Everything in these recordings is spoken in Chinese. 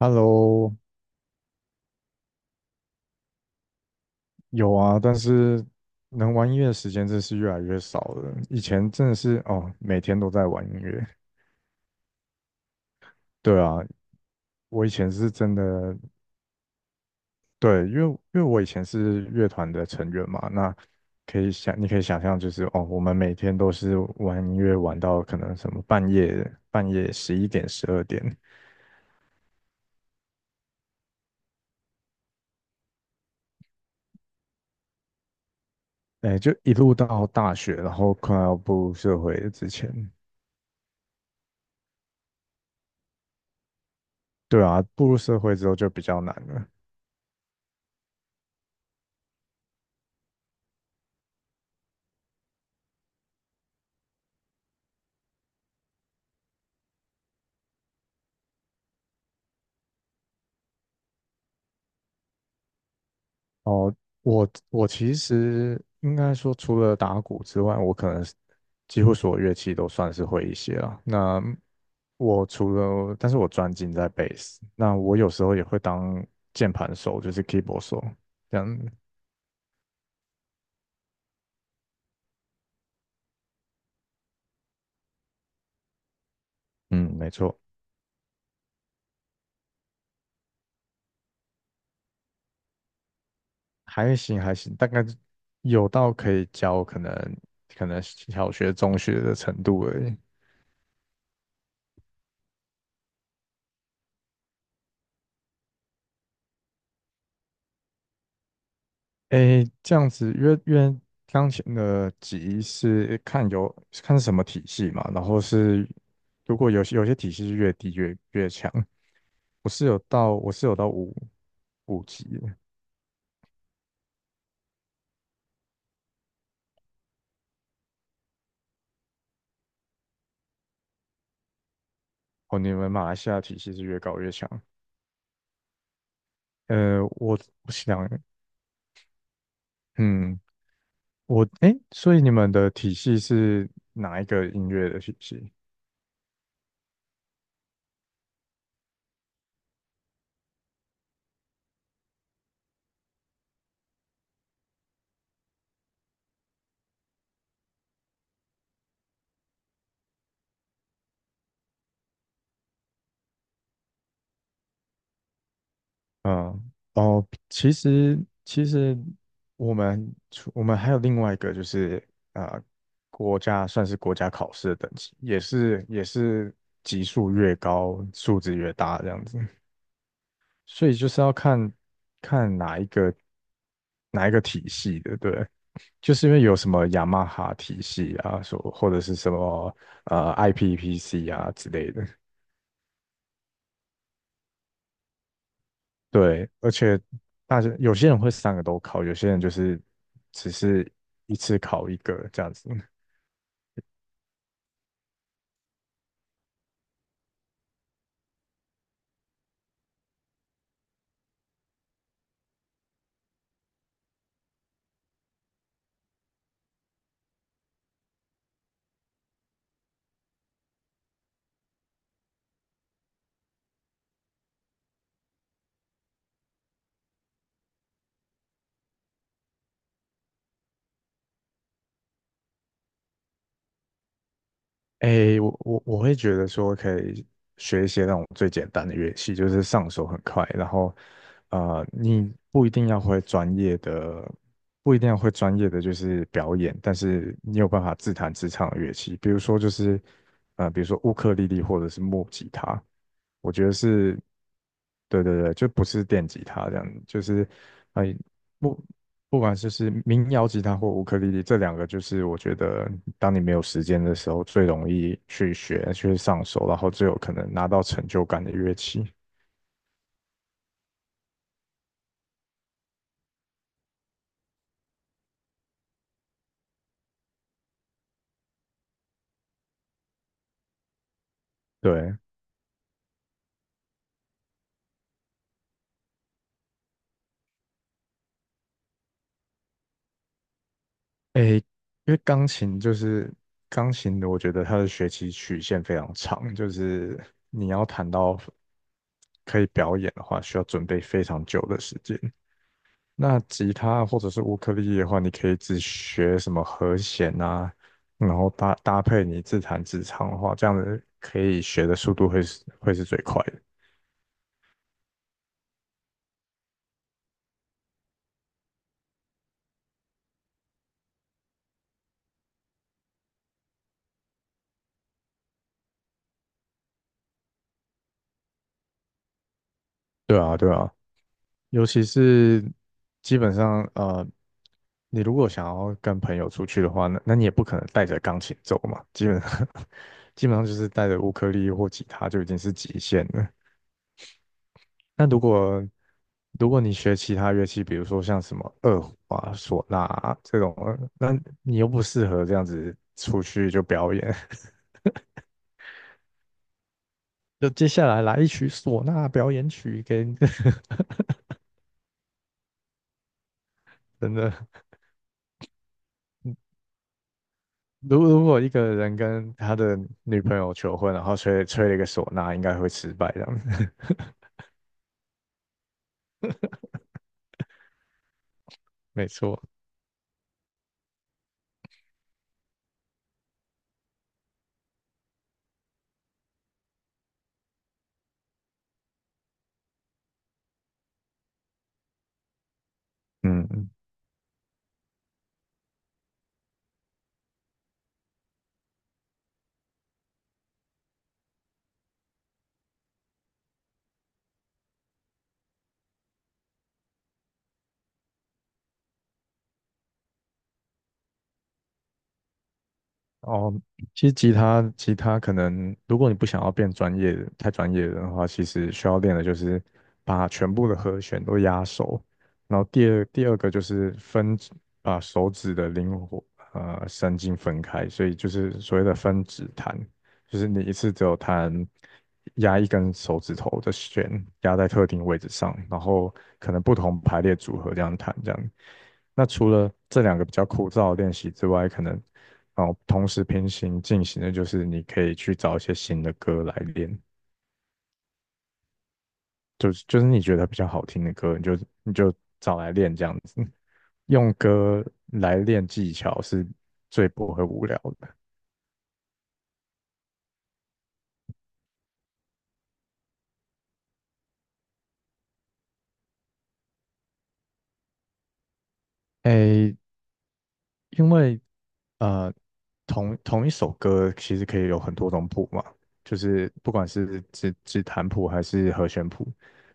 Hello，有啊，但是能玩音乐的时间真是越来越少了。以前真的是哦，每天都在玩音乐。对啊，我以前是真的，对，因为我以前是乐团的成员嘛，那可以想，你可以想象，就是哦，我们每天都是玩音乐，玩到可能什么半夜11点、12点。哎，就一路到大学，然后快要步入社会之前。对啊，步入社会之后就比较难了。我其实应该说，除了打鼓之外，我可能是几乎所有乐器都算是会一些了。那我除了，但是我专精在贝斯。那我有时候也会当键盘手，就是 keyboard 手，这样。嗯，没错。还行还行，大概有到可以教可能小学、中学的程度而已。诶，这样子，因为钢琴的级是看是什么体系嘛，然后是如果有些体系是越低越强。我是有到五级的。哦，你们马来西亚体系是越高越强。呃，我我想，嗯，诶，所以你们的体系是哪一个音乐的体系？嗯，哦，其实我们还有另外一个就是呃，国家考试的等级，也是级数越高，数值越大这样子，所以就是要看看哪一个体系的。对，就是因为有什么雅马哈体系啊，说或者是什么IPPC 啊之类的。对，而且大家有些人会三个都考，有些人就是只是一次考一个这样子。诶，我会觉得说可以学一些那种最简单的乐器，就是上手很快。然后你不一定要会专业的，不一定要会专业的就是表演，但是你有办法自弹自唱的乐器。比如说乌克丽丽或者是木吉他，我觉得是。对对对，就不是电吉他这样，就是呃木。不管就是民谣吉他或乌克丽丽，这两个就是我觉得，当你没有时间的时候，最容易去学、去上手，然后最有可能拿到成就感的乐器。对。诶，因为钢琴，我觉得它的学习曲线非常长，就是你要弹到可以表演的话，需要准备非常久的时间。那吉他或者是乌克丽丽的话，你可以只学什么和弦啊，然后搭配你自弹自唱的话，这样子可以学的速度会是最快的。对啊，对啊，尤其是基本上你如果想要跟朋友出去的话，那你也不可能带着钢琴走嘛。基本上 基本上就是带着乌克丽丽或吉他就已经是极限了。那如果你学其他乐器，比如说像什么二胡啊、唢呐啊这种，那你又不适合这样子出去就表演。就接下来来一曲唢呐表演曲给你。真的。如果一个人跟他的女朋友求婚，然后吹了一个唢呐，应该会失败这样子。没错。嗯，哦，其实吉他可能，如果你不想要变专业的太专业的话，其实需要练的就是把全部的和弦都压熟。然后第二个就是分指，把手指的灵活神经分开，所以就是所谓的分指弹，就是你一次只有弹压一根手指头的弦压在特定位置上，然后可能不同排列组合这样弹这样。那除了这两个比较枯燥的练习之外，可能哦，同时平行进行的就是你可以去找一些新的歌来练，就是你觉得比较好听的歌，你就找来练这样子。用歌来练技巧是最不会无聊的。诶，因为呃，同一首歌其实可以有很多种谱嘛，就是不管是指弹谱还是和弦谱。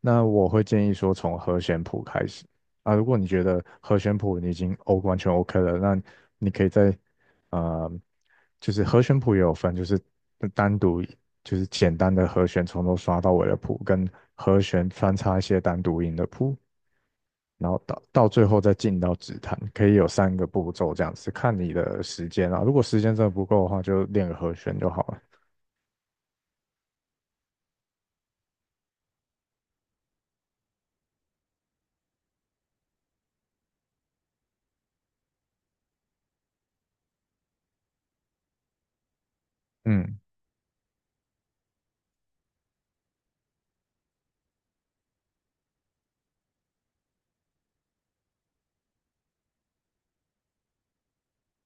那我会建议说从和弦谱开始啊，如果你觉得和弦谱你已经 完全 OK 了，那你可以呃，就是和弦谱也有分，就是单独就是简单的和弦从头刷到尾的谱，跟和弦穿插一些单独音的谱。然后到最后再进到指弹，可以有三个步骤这样子，看你的时间啊。如果时间真的不够的话，就练个和弦就好了。嗯，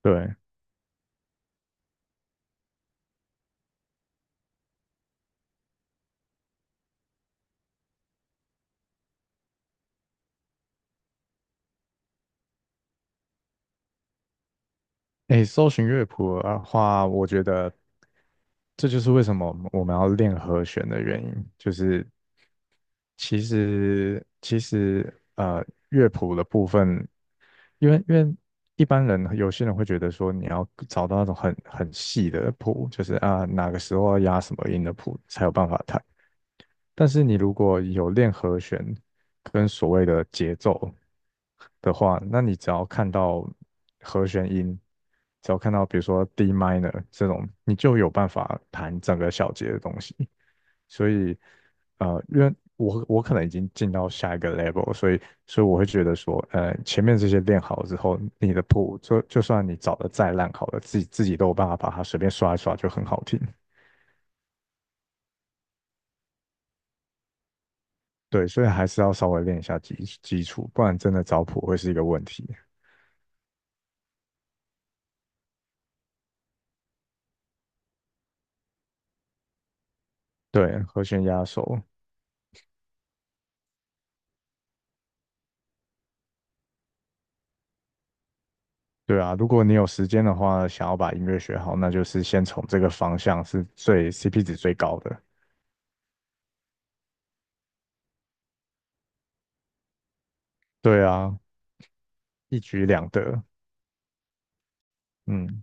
对。诶，搜寻乐谱的话，我觉得这就是为什么我们要练和弦的原因，就是其实乐谱的部分。因为一般人有些人会觉得说你要找到那种很细的谱，就是啊哪个时候要压什么音的谱才有办法弹。但是你如果有练和弦跟所谓的节奏的话，那你只要看到和弦音，只要看到比如说 D minor 这种，你就有办法弹整个小节的东西。所以，因为我可能已经进到下一个 level，所以我会觉得说，前面这些练好之后，你的谱就算你找的再烂好了，自己都有办法把它随便刷一刷就很好听。对，所以还是要稍微练一下基础，不然真的找谱会是一个问题。对，和弦压手。对啊，如果你有时间的话，想要把音乐学好，那就是先从这个方向是最 CP 值最高的。对啊，一举两得。嗯，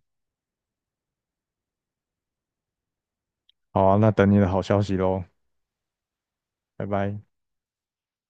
好啊，那等你的好消息喽，拜拜。